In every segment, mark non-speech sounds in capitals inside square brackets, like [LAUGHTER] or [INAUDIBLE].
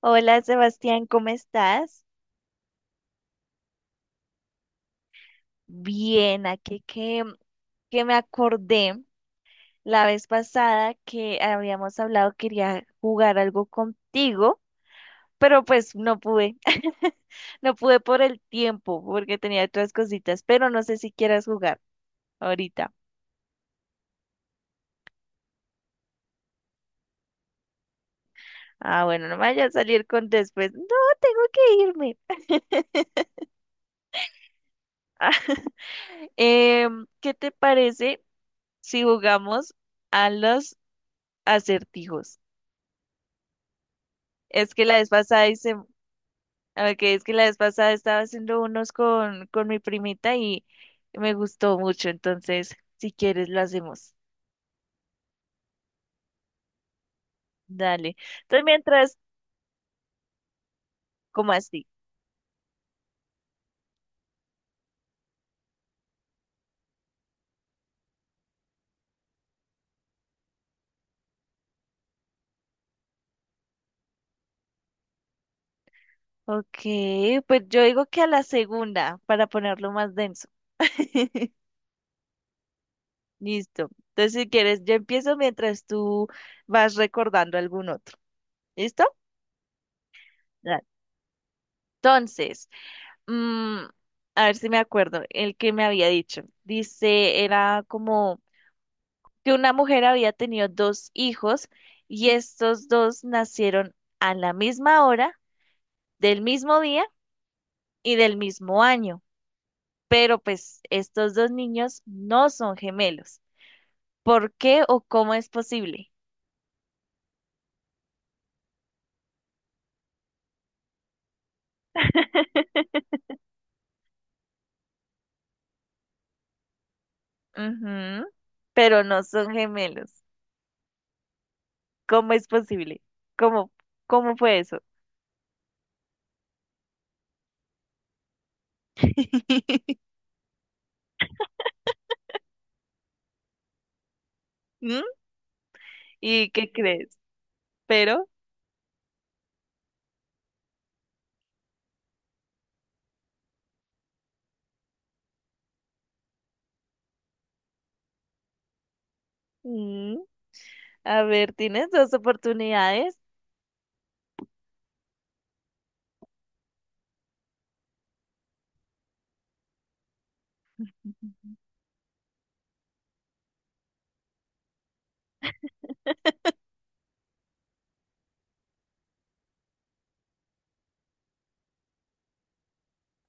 Hola Sebastián, ¿cómo estás? Bien, aquí que me acordé la vez pasada que habíamos hablado, quería jugar algo contigo, pero pues no pude, [LAUGHS] no pude por el tiempo porque tenía otras cositas, pero no sé si quieras jugar ahorita. Ah, bueno, no me vaya a salir con después. No, tengo que irme. [LAUGHS] ¿Qué te parece si jugamos a los acertijos? Es que la vez pasada a ver, que es que la vez pasada estaba haciendo unos con mi primita y me gustó mucho. Entonces, si quieres, lo hacemos. Dale. Entonces, mientras, ¿cómo así? Ok, pues yo digo que a la segunda, para ponerlo más denso. [LAUGHS] Listo. Entonces, si quieres, yo empiezo mientras tú vas recordando algún otro. ¿Listo? Dale. Entonces, mm, a ver si me acuerdo, el que me había dicho. Dice, era como que una mujer había tenido dos hijos y estos dos nacieron a la misma hora, del mismo día y del mismo año. Pero pues estos dos niños no son gemelos. ¿Por qué o cómo es posible? Ujú, pero no son gemelos. ¿Cómo es posible? ¿Cómo, cómo fue eso? ¿Mm? ¿Y qué crees? Pero, mm, a ver, tienes dos oportunidades.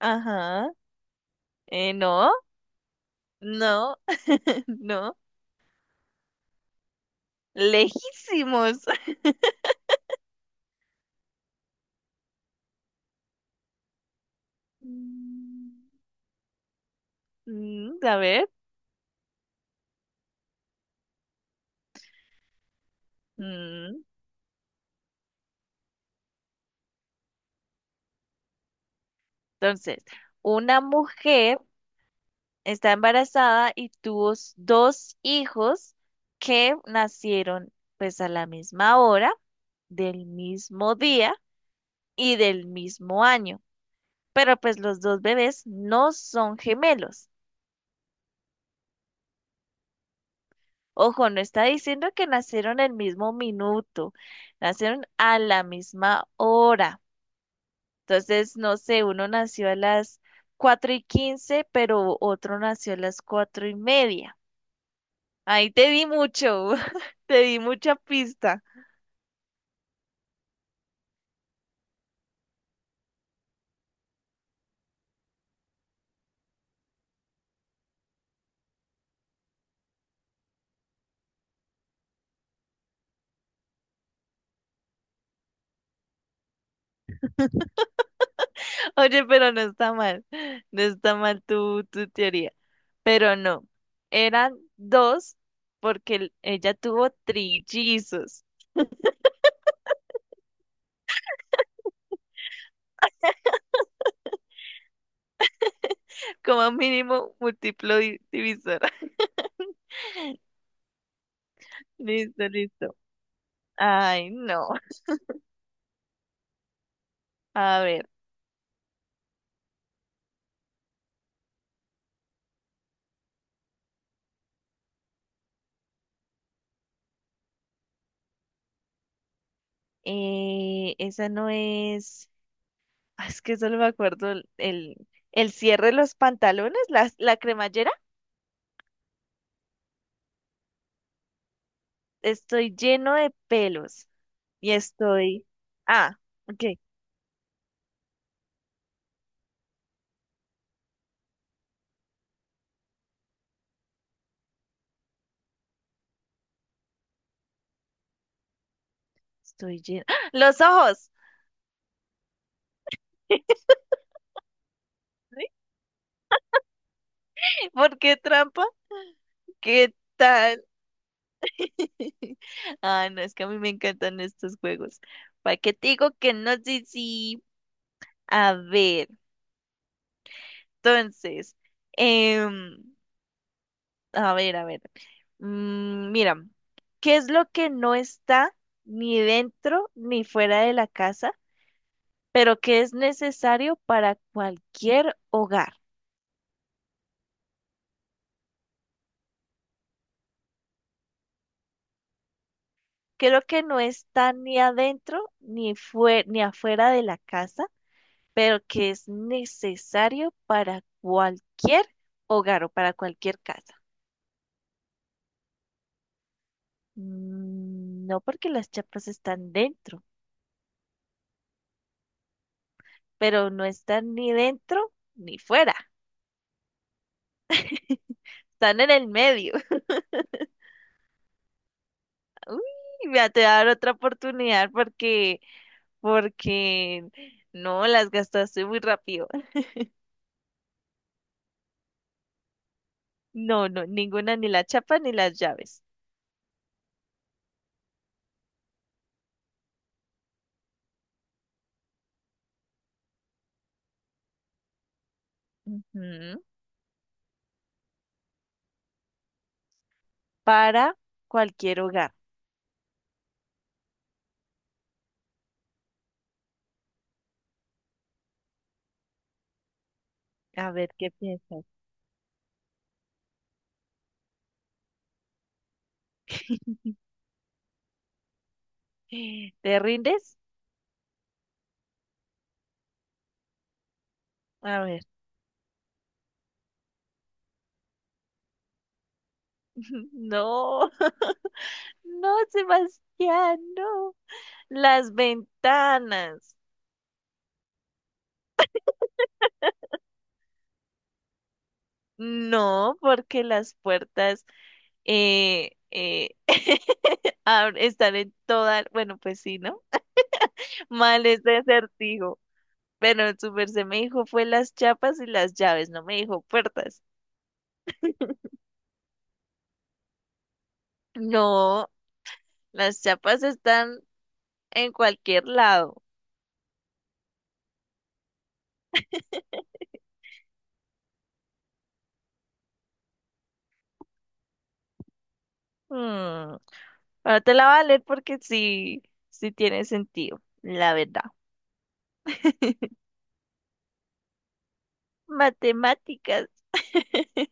Ajá. No, no, [LAUGHS] no. Lejísimos. [LAUGHS] Mm, a ver. Mm, Entonces, una mujer está embarazada y tuvo dos hijos que nacieron pues a la misma hora, del mismo día y del mismo año. Pero pues los dos bebés no son gemelos. Ojo, no está diciendo que nacieron el mismo minuto, nacieron a la misma hora. Entonces, no sé, uno nació a las 4 y 15, pero otro nació a las 4 y media. Ahí te di mucho, [LAUGHS] te di mucha pista. Oye, pero no está mal, no está mal tu teoría. Pero no, eran dos porque ella tuvo trillizos, [LAUGHS] como mínimo múltiplo divisor. [LAUGHS] Listo, listo. Ay, no. A ver, esa no es... Ah, es que solo me acuerdo el cierre de los pantalones, la cremallera. Estoy lleno de pelos. Y estoy. Ah, ok. Estoy lleno. [GASPS] ¡Ah! ¡Los ojos! [LAUGHS] ¿Por qué trampa? ¿Qué tal? [LAUGHS] Ah, no, es que a mí me encantan estos juegos. ¿Para qué te digo que no sé si... A ver, entonces. em, a ver, a ver. Mm, mira, ¿qué es lo que no está ni dentro ni fuera de la casa, pero que es necesario para cualquier hogar? ¿Qué es lo que no está ni adentro ni ni afuera de la casa, pero que es necesario para cualquier hogar o para cualquier casa? Mm, no porque las chapas están dentro, pero no están ni dentro ni fuera, están en el medio. Uy, voy a te dar otra oportunidad porque, porque no las gastaste muy rápido. [LAUGHS] No, no, ninguna, ni la chapa ni las llaves. Ujú. Para cualquier hogar. A ver, ¿qué piensas? [GASPS] ¿Te rindes? A ver. [LAUGHS] No, [LAUGHS] no, Sebastián, no. Las ventanas. No, porque las puertas eh, eh, [LAUGHS] están en toda, bueno, pues sí, ¿no? Mal ese acertijo. Bueno, su merced me dijo fue las chapas y las llaves, no me dijo puertas. No, las chapas están en cualquier lado. Hmm, ahora te la voy a leer porque sí, sí tiene sentido, la verdad. [LAUGHS] Matemáticas. [LAUGHS]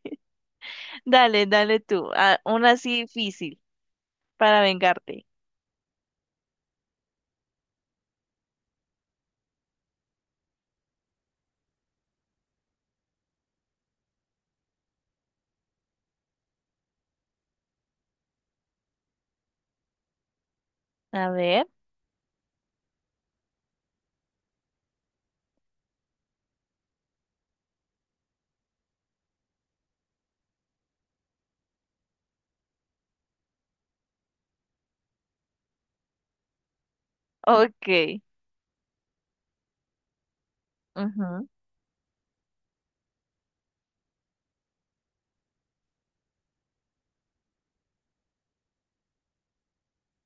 Dale, dale tú. Ah, una así difícil para vengarte. A ver. Ok. Ujú.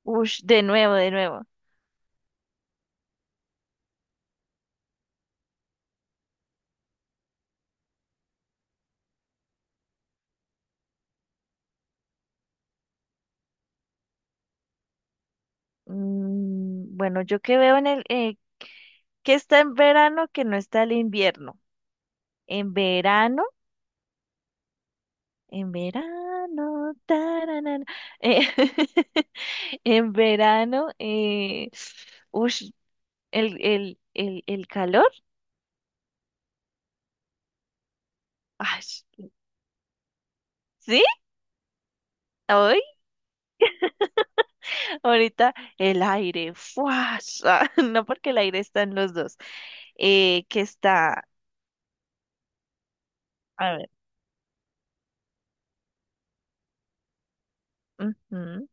Ush, de nuevo, de nuevo. Mm, bueno, yo que veo en que está en verano que no está el invierno. En verano, en verano, tararara, eh, [LAUGHS] en verano, ush, el calor, ay, ¿sí? Hoy, ahorita, el aire, fuas, ah, [LAUGHS] no porque el aire está en los dos, que está, a ver, ujú,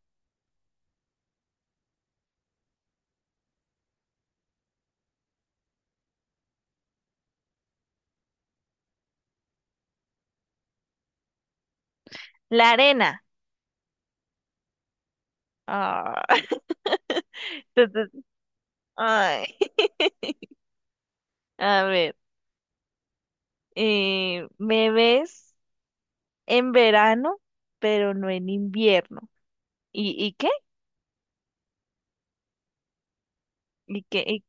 la arena. Ah, [LAUGHS] entonces, ay, [LAUGHS] a ver. Eh, me ves en verano, pero no en invierno. Y qué? ¿Y qué? ¿Y...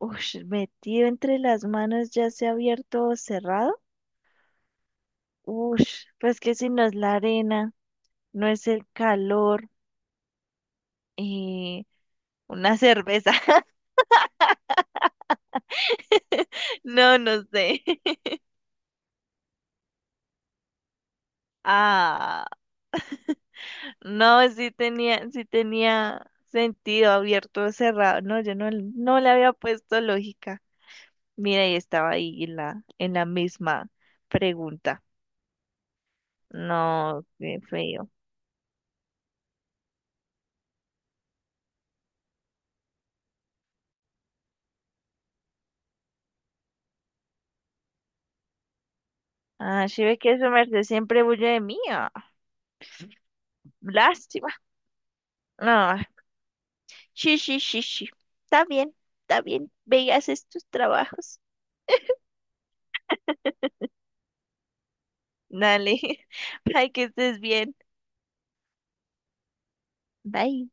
ush, metido entre las manos, ya sea abierto o cerrado. Ush, pues que si no es la arena, no es el calor, eh, una cerveza. [LAUGHS] No, no sé. [LAUGHS] Ah, no, sí tenía sentido abierto o cerrado. No, yo no, no le había puesto lógica. Mira, y estaba ahí en en la misma pregunta. No, qué feo. Ah, sí ve que su merced siempre huye de mí. Ah, lástima. No, sí, sí, sí, sí. Está bien, está bien. Ve y haces tus trabajos. Dale. [LAUGHS] Ay, que estés bien. Bye.